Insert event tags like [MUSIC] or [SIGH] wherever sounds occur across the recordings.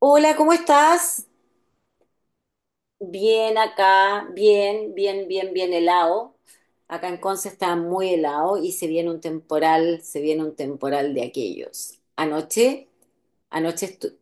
Hola, ¿cómo estás? Bien acá, bien, bien, bien, bien helado. Acá en Conce está muy helado y se viene un temporal, se viene un temporal de aquellos. Anoche estu-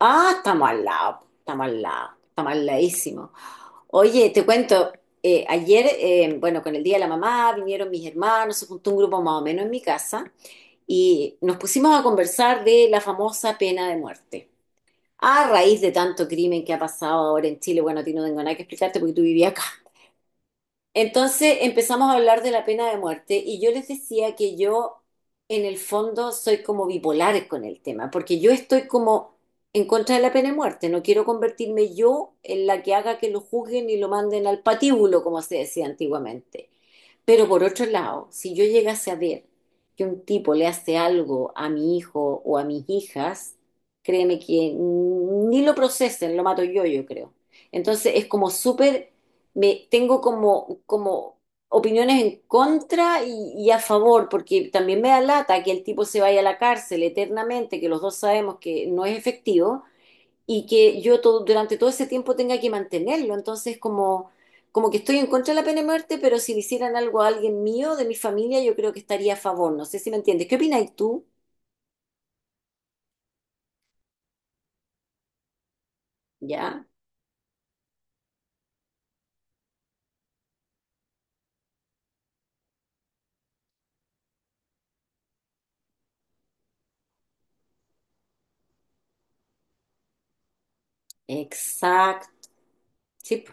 Ah, estamos al lado, estamos al lado, estamos al ladísimo. Oye, te cuento, ayer, bueno, con el Día de la Mamá vinieron mis hermanos, se juntó un grupo más o menos en mi casa y nos pusimos a conversar de la famosa pena de muerte a raíz de tanto crimen que ha pasado ahora en Chile, bueno, a ti no tengo nada que explicarte porque tú vivías acá. Entonces empezamos a hablar de la pena de muerte y yo les decía que yo en el fondo soy como bipolar con el tema, porque yo estoy como en contra de la pena de muerte, no quiero convertirme yo en la que haga que lo juzguen y lo manden al patíbulo, como se decía antiguamente. Pero por otro lado, si yo llegase a ver que un tipo le hace algo a mi hijo o a mis hijas, créeme que ni lo procesen, lo mato yo, yo creo. Entonces es como súper, me tengo como, opiniones en contra y a favor, porque también me da lata que el tipo se vaya a la cárcel eternamente, que los dos sabemos que no es efectivo y que yo todo, durante todo ese tiempo tenga que mantenerlo. Entonces, como, que estoy en contra de la pena de muerte, pero si le hicieran algo a alguien mío, de mi familia, yo creo que estaría a favor. No sé si me entiendes. ¿Qué opinas tú? Ya, exacto. Sí, po.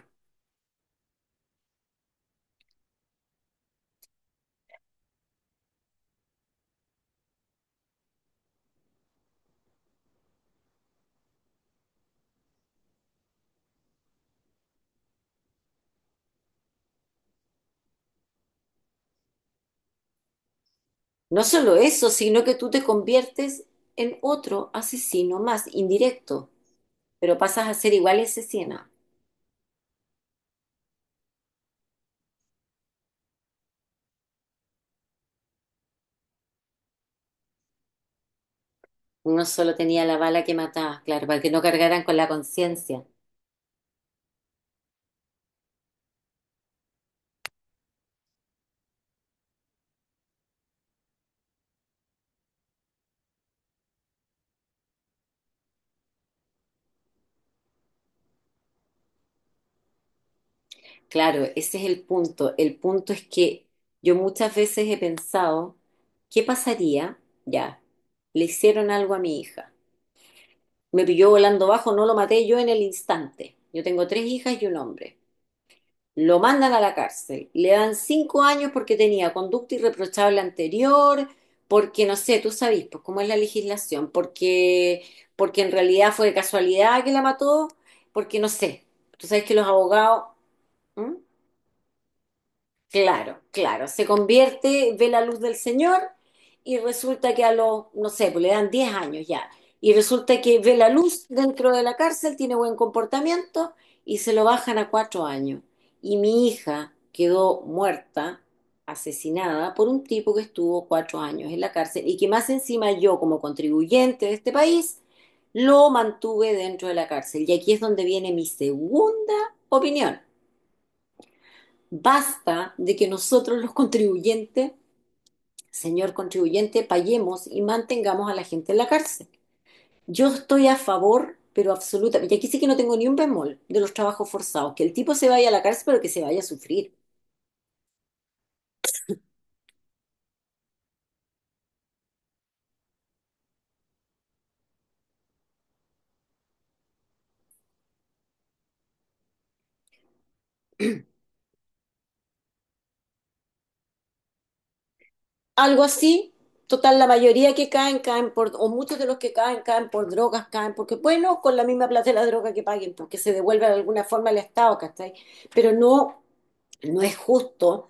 No solo eso, sino que tú te conviertes en otro asesino más, indirecto, pero pasas a ser igual asesina. Uno solo tenía la bala que mataba, claro, para que no cargaran con la conciencia. Claro, ese es el punto. El punto es que yo muchas veces he pensado, ¿qué pasaría? Ya, le hicieron algo a mi hija. Me pilló volando bajo, no lo maté yo en el instante. Yo tengo tres hijas y un hombre. Lo mandan a la cárcel. Le dan 5 años porque tenía conducta irreprochable anterior, porque no sé, tú sabes, pues cómo es la legislación, porque, en realidad fue de casualidad que la mató, porque no sé. Tú sabes que los abogados... ¿Mm? Claro, claro. Se convierte, ve la luz del Señor y resulta que a los, no sé, pues le dan 10 años ya. Y resulta que ve la luz dentro de la cárcel, tiene buen comportamiento y se lo bajan a 4 años. Y mi hija quedó muerta, asesinada por un tipo que estuvo 4 años en la cárcel y que más encima yo como contribuyente de este país lo mantuve dentro de la cárcel. Y aquí es donde viene mi segunda opinión. Basta de que nosotros los contribuyentes, señor contribuyente, paguemos y mantengamos a la gente en la cárcel. Yo estoy a favor, pero absolutamente, y aquí sí que no tengo ni un bemol de los trabajos forzados, que el tipo se vaya a la cárcel, pero que se vaya a sufrir. Algo así, total, la mayoría que caen, caen por, o muchos de los que caen, caen por drogas, caen porque, bueno, con la misma plata de la droga que paguen, porque se devuelve de alguna forma al Estado, ¿cachai? Pero no, no es justo,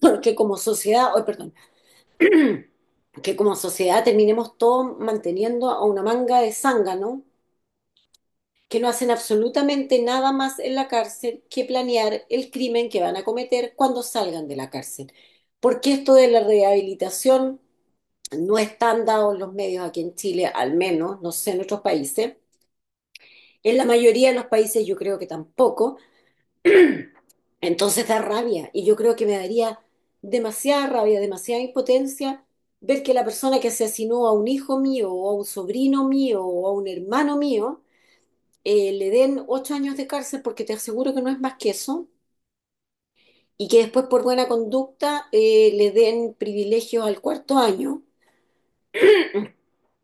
porque como sociedad, oh perdón [CLEARS THROAT] que como sociedad terminemos todos manteniendo a una manga de zánganos que no hacen absolutamente nada más en la cárcel que planear el crimen que van a cometer cuando salgan de la cárcel. Porque esto de la rehabilitación no están dados los medios aquí en Chile, al menos, no sé, en otros países. En la mayoría de los países yo creo que tampoco. Entonces da rabia y yo creo que me daría demasiada rabia, demasiada impotencia ver que la persona que asesinó a un hijo mío o a un sobrino mío o a un hermano mío le den 8 años de cárcel porque te aseguro que no es más que eso y que después por buena conducta le den privilegios al cuarto año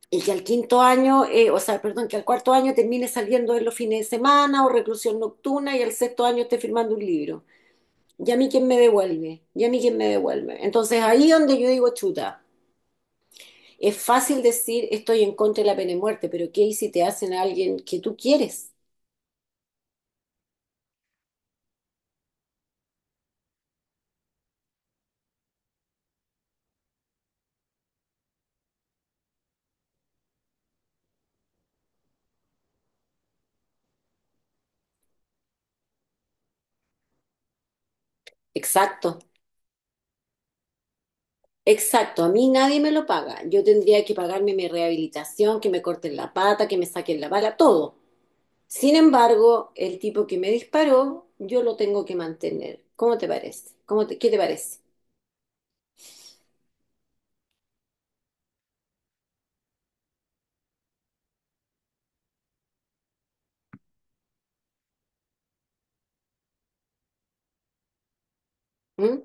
y que al quinto año, o sea, perdón, que al cuarto año termine saliendo en los fines de semana o reclusión nocturna y al sexto año esté firmando un libro. ¿Y a mí quién me devuelve? ¿Y a mí quién me devuelve? Entonces ahí donde yo digo, chuta, es fácil decir estoy en contra de la pena de muerte, pero ¿qué hay si te hacen a alguien que tú quieres? Exacto, exacto. A mí nadie me lo paga. Yo tendría que pagarme mi rehabilitación, que me corten la pata, que me saquen la bala, todo. Sin embargo, el tipo que me disparó, yo lo tengo que mantener. ¿Cómo te parece? ¿Cómo te- qué te parece? ¿Mm?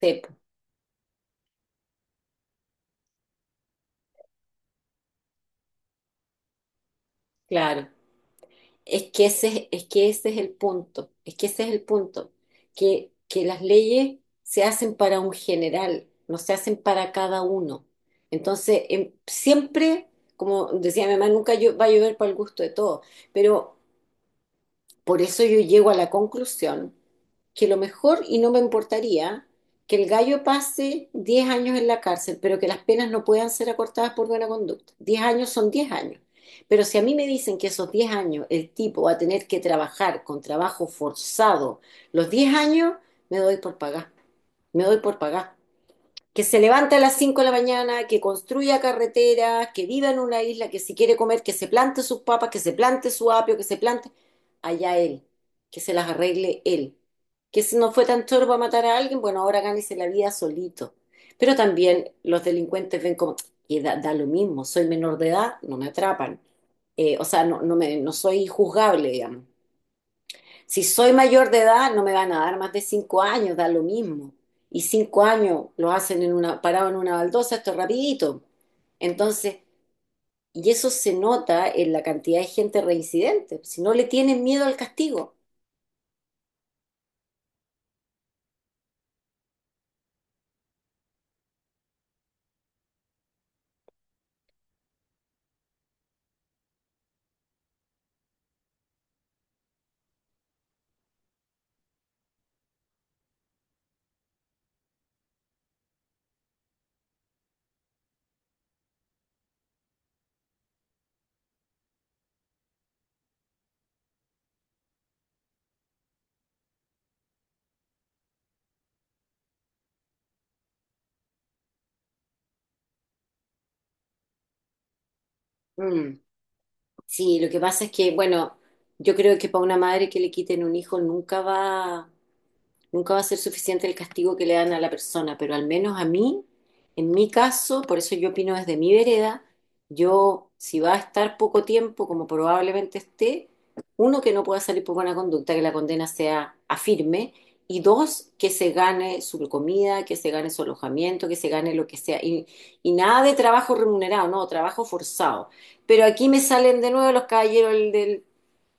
Tepo, claro. Es que ese es el punto, es que ese es el punto, que las leyes se hacen para un general, no se hacen para cada uno. Entonces, siempre, como decía mi mamá, nunca va a llover para el gusto de todos, pero por eso yo llego a la conclusión que lo mejor, y no me importaría, que el gallo pase 10 años en la cárcel, pero que las penas no puedan ser acortadas por buena conducta. 10 años son 10 años. Pero si a mí me dicen que esos 10 años el tipo va a tener que trabajar con trabajo forzado, los 10 años me doy por pagar. Me doy por pagar que se levanta a las 5 de la mañana, que construya carreteras, que viva en una isla, que si quiere comer, que se plante sus papas, que se plante su apio, que se plante allá él, que se las arregle él. Que si no fue tan chorbo a matar a alguien, bueno, ahora gánese la vida solito. Pero también los delincuentes ven como, y da lo mismo, soy menor de edad, no me atrapan. O sea, no, no, no soy juzgable, digamos. Si soy mayor de edad, no me van a dar más de 5 años, da lo mismo. Y 5 años lo hacen en una, parado en una baldosa, esto es rapidito. Entonces, y eso se nota en la cantidad de gente reincidente. Si no le tienen miedo al castigo. Mm. Sí, lo que pasa es que, bueno, yo creo que para una madre que le quiten un hijo nunca va a ser suficiente el castigo que le dan a la persona, pero al menos a mí, en mi caso, por eso yo opino desde mi vereda, yo, si va a estar poco tiempo, como probablemente esté, uno, que no pueda salir por buena conducta, que la condena sea a firme, y dos, que se gane su comida, que se gane su alojamiento, que se gane lo que sea, y, nada de trabajo remunerado, no, trabajo forzado. Pero aquí me salen de nuevo los caballeros del,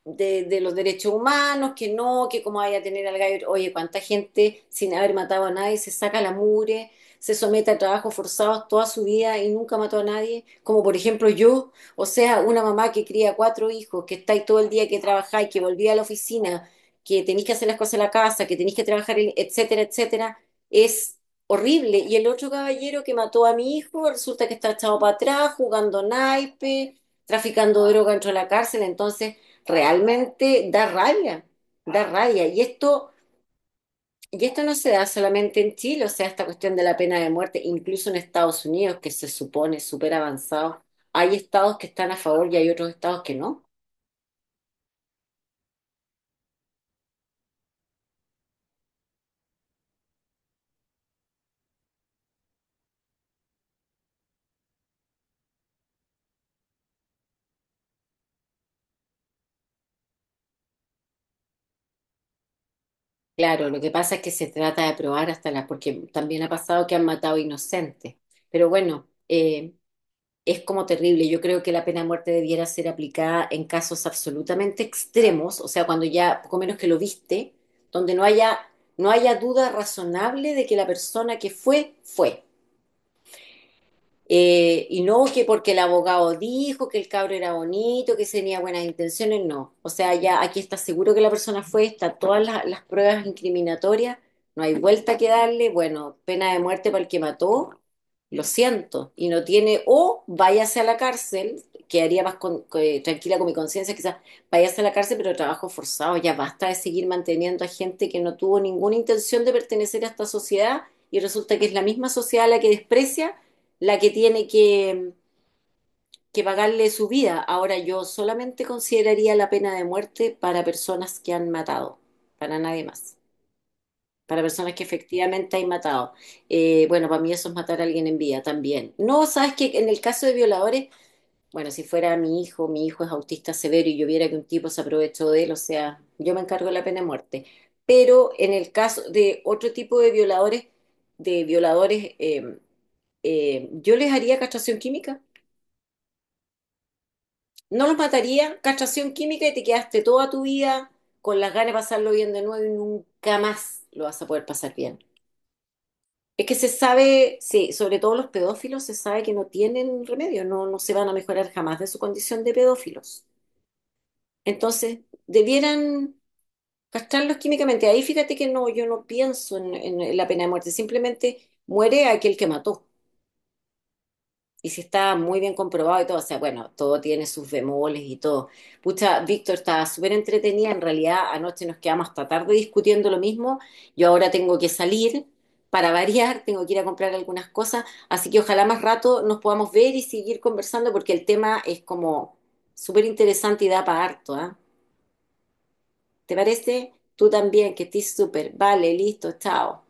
de los derechos humanos, que no, que cómo vaya a tener al gallo, oye, cuánta gente sin haber matado a nadie se saca la mugre, se somete a trabajos forzados toda su vida y nunca mató a nadie, como por ejemplo yo, o sea, una mamá que cría cuatro hijos, que estáis todo el día que trabajáis, que volví a la oficina, que tenéis que hacer las cosas en la casa, que tenéis que trabajar, etcétera, etcétera, es horrible. Y el otro caballero que mató a mi hijo resulta que está echado para atrás, jugando naipe, traficando droga dentro de la cárcel, entonces realmente da rabia, da rabia. Y esto no se da solamente en Chile, o sea, esta cuestión de la pena de muerte, incluso en Estados Unidos, que se supone súper avanzado, hay estados que están a favor y hay otros estados que no. Claro, lo que pasa es que se trata de probar hasta la, porque también ha pasado que han matado inocentes. Pero bueno, es como terrible. Yo creo que la pena de muerte debiera ser aplicada en casos absolutamente extremos, o sea, cuando ya poco menos que lo viste, donde no haya duda razonable de que la persona que fue, fue. Y no que porque el abogado dijo que el cabro era bonito, que tenía buenas intenciones, no. O sea, ya aquí está seguro que la persona fue, está todas las pruebas incriminatorias, no hay vuelta que darle, bueno, pena de muerte para el que mató, lo siento, y no tiene, o váyase a la cárcel, quedaría más tranquila con mi conciencia, quizás váyase a la cárcel, pero trabajo forzado, ya basta de seguir manteniendo a gente que no tuvo ninguna intención de pertenecer a esta sociedad y resulta que es la misma sociedad la que desprecia la que tiene que, pagarle su vida. Ahora yo solamente consideraría la pena de muerte para personas que han matado, para nadie más, para personas que efectivamente han matado. Bueno, para mí eso es matar a alguien en vida también. No, sabes que en el caso de violadores, bueno, si fuera mi hijo es autista severo y yo viera que un tipo se aprovechó de él, o sea, yo me encargo de la pena de muerte. Pero en el caso de otro tipo de violadores, de violadores, eh, yo les haría castración química. No los mataría, castración química y te quedaste toda tu vida con las ganas de pasarlo bien de nuevo y nunca más lo vas a poder pasar bien. Es que se sabe, sí, sobre todo los pedófilos, se sabe que no tienen remedio, no, no se van a mejorar jamás de su condición de pedófilos. Entonces, debieran castrarlos químicamente. Ahí fíjate que no, yo no pienso en la pena de muerte, simplemente muere aquel que mató. Y si está muy bien comprobado y todo, o sea, bueno, todo tiene sus bemoles y todo. Pucha, Víctor, estaba súper entretenida. En realidad, anoche nos quedamos hasta tarde discutiendo lo mismo. Yo ahora tengo que salir para [LAUGHS] variar, tengo que ir a comprar algunas cosas. Así que ojalá más rato nos podamos ver y seguir conversando porque el tema es como súper interesante y da para harto, ¿ah? ¿Te parece? Tú también, que estés súper. Vale, listo, chao.